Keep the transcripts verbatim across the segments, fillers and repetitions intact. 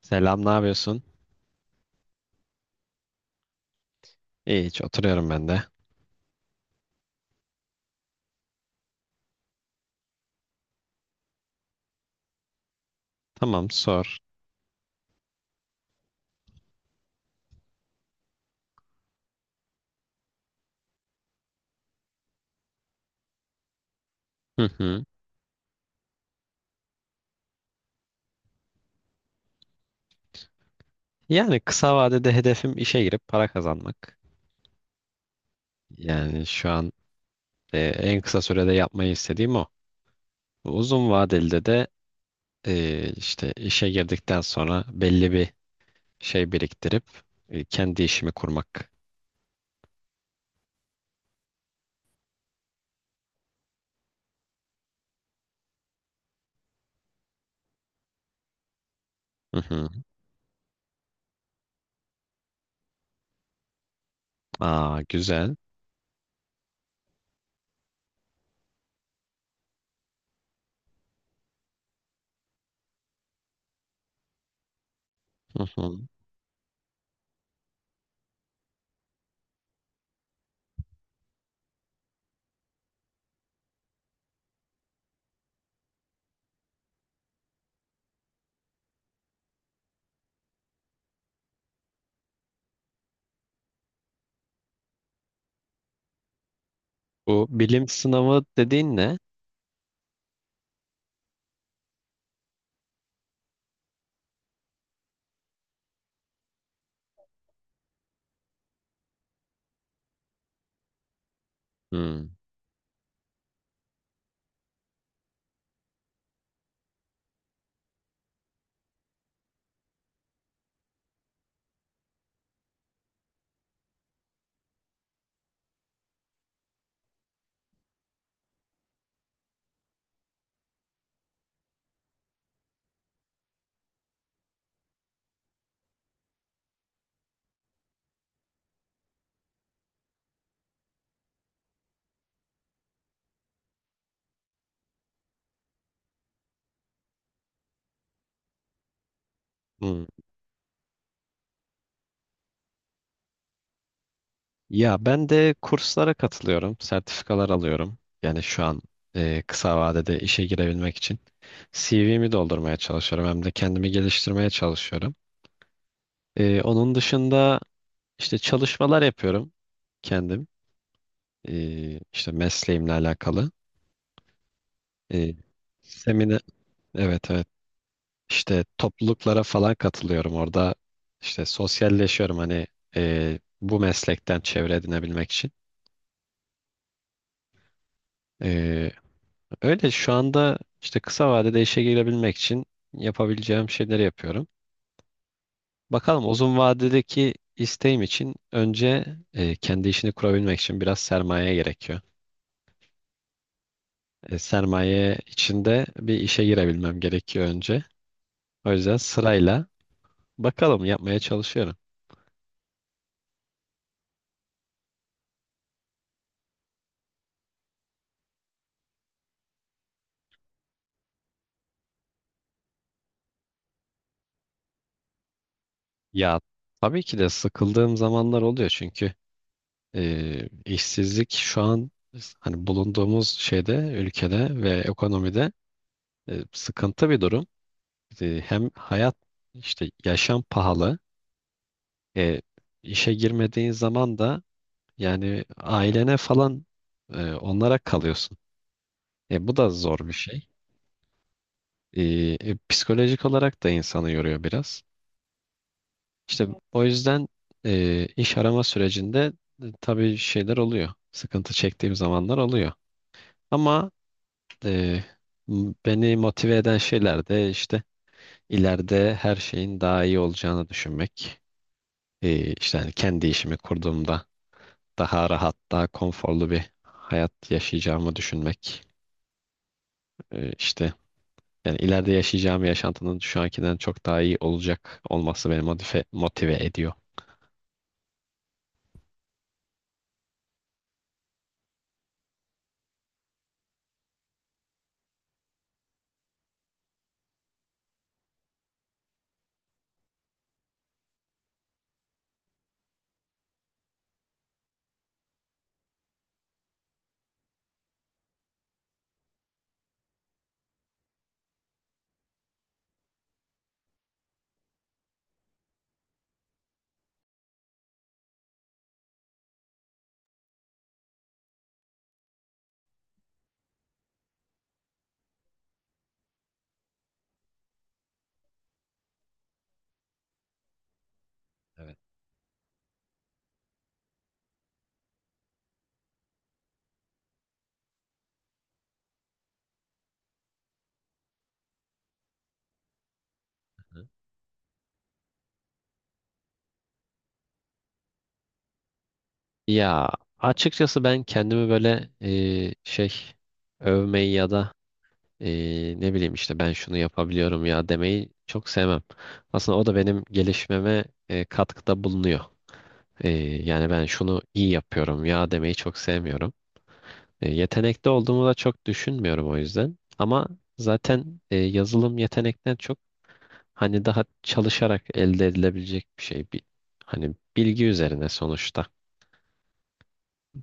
Selam, ne yapıyorsun? İyi, hiç oturuyorum ben de. Tamam, sor. Hı hı. Yani kısa vadede hedefim işe girip para kazanmak. Yani şu an e, en kısa sürede yapmayı istediğim o. Uzun vadeli de e, işte işe girdikten sonra belli bir şey biriktirip e, kendi işimi kurmak. Hı hı. Aa, güzel. Hı hı. Bu bilim sınavı dediğin ne? Hı. Hı. Ya ben de kurslara katılıyorum, sertifikalar alıyorum. Yani şu an e, kısa vadede işe girebilmek için C V'mi doldurmaya çalışıyorum hem de kendimi geliştirmeye çalışıyorum. E, onun dışında işte çalışmalar yapıyorum kendim, e, işte mesleğimle alakalı. E, Seminer, evet evet. İşte topluluklara falan katılıyorum orada. İşte sosyalleşiyorum hani e, bu meslekten çevre edinebilmek için. Öyle şu anda işte kısa vadede işe girebilmek için yapabileceğim şeyleri yapıyorum. Bakalım uzun vadedeki isteğim için önce e, kendi işini kurabilmek için biraz sermaye gerekiyor. E, sermaye içinde bir işe girebilmem gerekiyor önce. O yüzden sırayla bakalım yapmaya çalışıyorum. Ya tabii ki de sıkıldığım zamanlar oluyor çünkü e, işsizlik şu an hani bulunduğumuz şeyde ülkede ve ekonomide e, sıkıntı bir durum. E, hem hayat işte yaşam pahalı. E, işe girmediğin zaman da yani ailene falan e, onlara kalıyorsun. E, bu da zor bir şey. E, e, Psikolojik olarak da insanı yoruyor biraz. İşte o yüzden e, iş arama sürecinde e, tabii şeyler oluyor. Sıkıntı çektiğim zamanlar oluyor. Ama e, m- beni motive eden şeyler de işte ileride her şeyin daha iyi olacağını düşünmek. E, işte hani kendi işimi kurduğumda daha rahat, daha konforlu bir hayat yaşayacağımı düşünmek. Ee, işte yani ileride yaşayacağım yaşantının şu ankinden çok daha iyi olacak olması beni motive, motive ediyor. Evet. Hı. Ya açıkçası ben kendimi böyle e, şey övmeyi ya da e, ne bileyim işte ben şunu yapabiliyorum ya demeyi çok sevmem. Aslında o da benim gelişmeme e, katkıda bulunuyor. Ee, Yani ben şunu iyi yapıyorum ya demeyi çok sevmiyorum. Ee, yetenekli olduğumu da çok düşünmüyorum o yüzden. Ama zaten e, yazılım yetenekten çok hani daha çalışarak elde edilebilecek bir şey. Bir, hani bilgi üzerine sonuçta.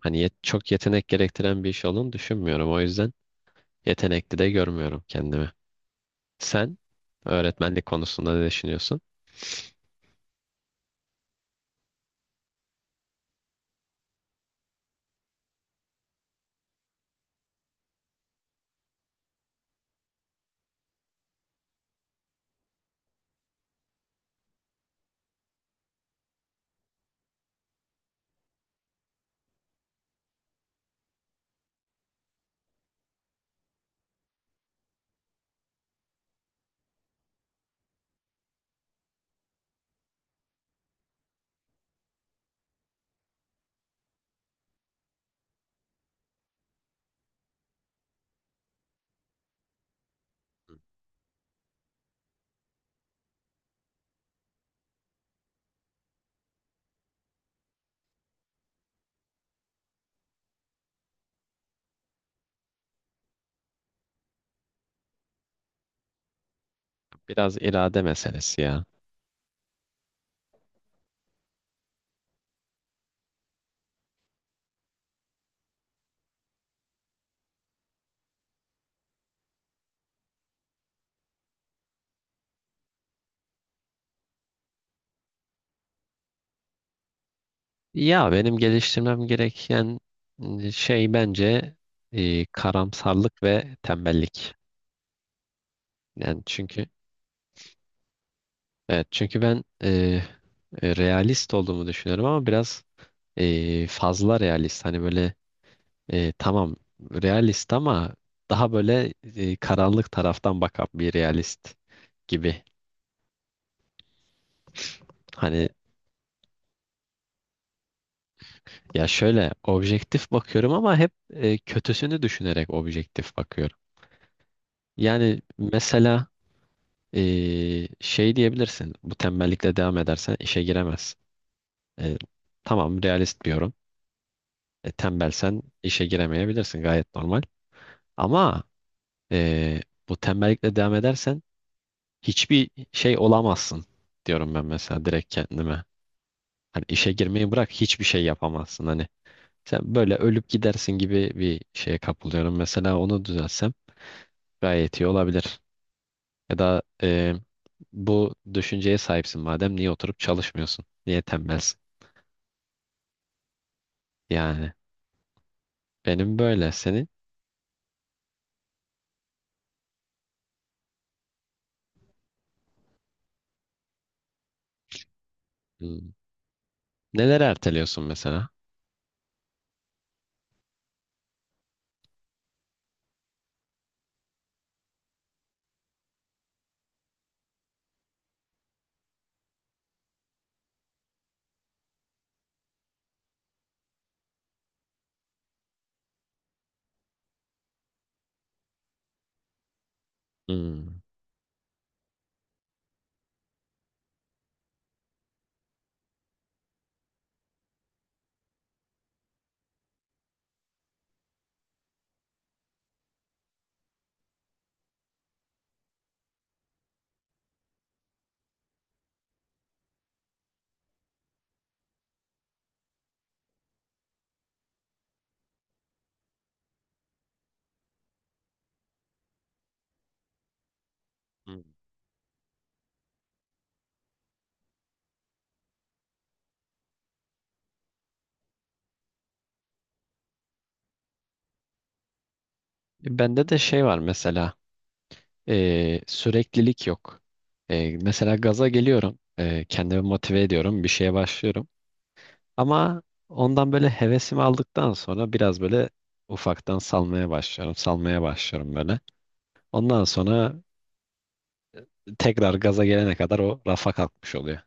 Hani yet- çok yetenek gerektiren bir iş olduğunu düşünmüyorum. O yüzden yetenekli de görmüyorum kendimi. Sen öğretmenlik konusunda ne düşünüyorsun? Biraz irade meselesi ya. Ya benim geliştirmem gereken e, şey bence e, karamsarlık ve tembellik. Yani çünkü evet çünkü ben e, e, realist olduğumu düşünüyorum ama biraz e, fazla realist. Hani böyle e, tamam realist ama daha böyle e, karanlık taraftan bakan bir realist gibi. Hani ya şöyle objektif bakıyorum ama hep e, kötüsünü düşünerek objektif bakıyorum. Yani mesela Ee, şey diyebilirsin. Bu tembellikle devam edersen işe giremezsin. Ee, tamam realist bir yorum. E, tembelsen işe giremeyebilirsin gayet normal. Ama ee, bu tembellikle devam edersen hiçbir şey olamazsın diyorum ben mesela direkt kendime. Hani işe girmeyi bırak hiçbir şey yapamazsın hani. Sen böyle ölüp gidersin gibi bir şeye kapılıyorum. Mesela onu düzelsem gayet iyi olabilir. Ya da ee, bu düşünceye sahipsin madem niye oturup çalışmıyorsun? Niye tembelsin? Yani benim böyle senin. Hmm. Neler erteliyorsun mesela? Hmm. Hmm. Bende de şey var mesela eee, süreklilik yok. Eee, mesela gaza geliyorum. Eee, kendimi motive ediyorum. Bir şeye başlıyorum. Ama ondan böyle hevesimi aldıktan sonra biraz böyle ufaktan salmaya başlıyorum. Salmaya başlıyorum böyle. Ondan sonra tekrar gaza gelene kadar o rafa kalkmış oluyor.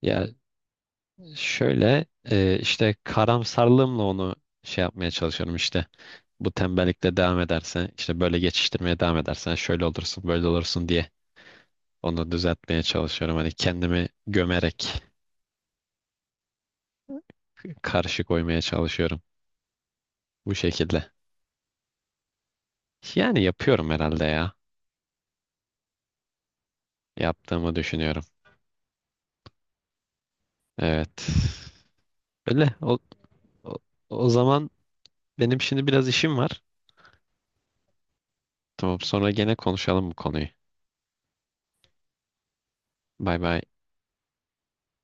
Ya şöyle eee, işte karamsarlığımla onu şey yapmaya çalışıyorum işte. Bu tembellikle devam edersen işte böyle geçiştirmeye devam edersen şöyle olursun böyle olursun diye onu düzeltmeye çalışıyorum. Hani kendimi gömerek karşı koymaya çalışıyorum bu şekilde. Yani yapıyorum herhalde ya. Yaptığımı düşünüyorum. Evet. Öyle. O, o, o zaman benim şimdi biraz işim var. Tamam sonra gene konuşalım bu konuyu. Bay bay.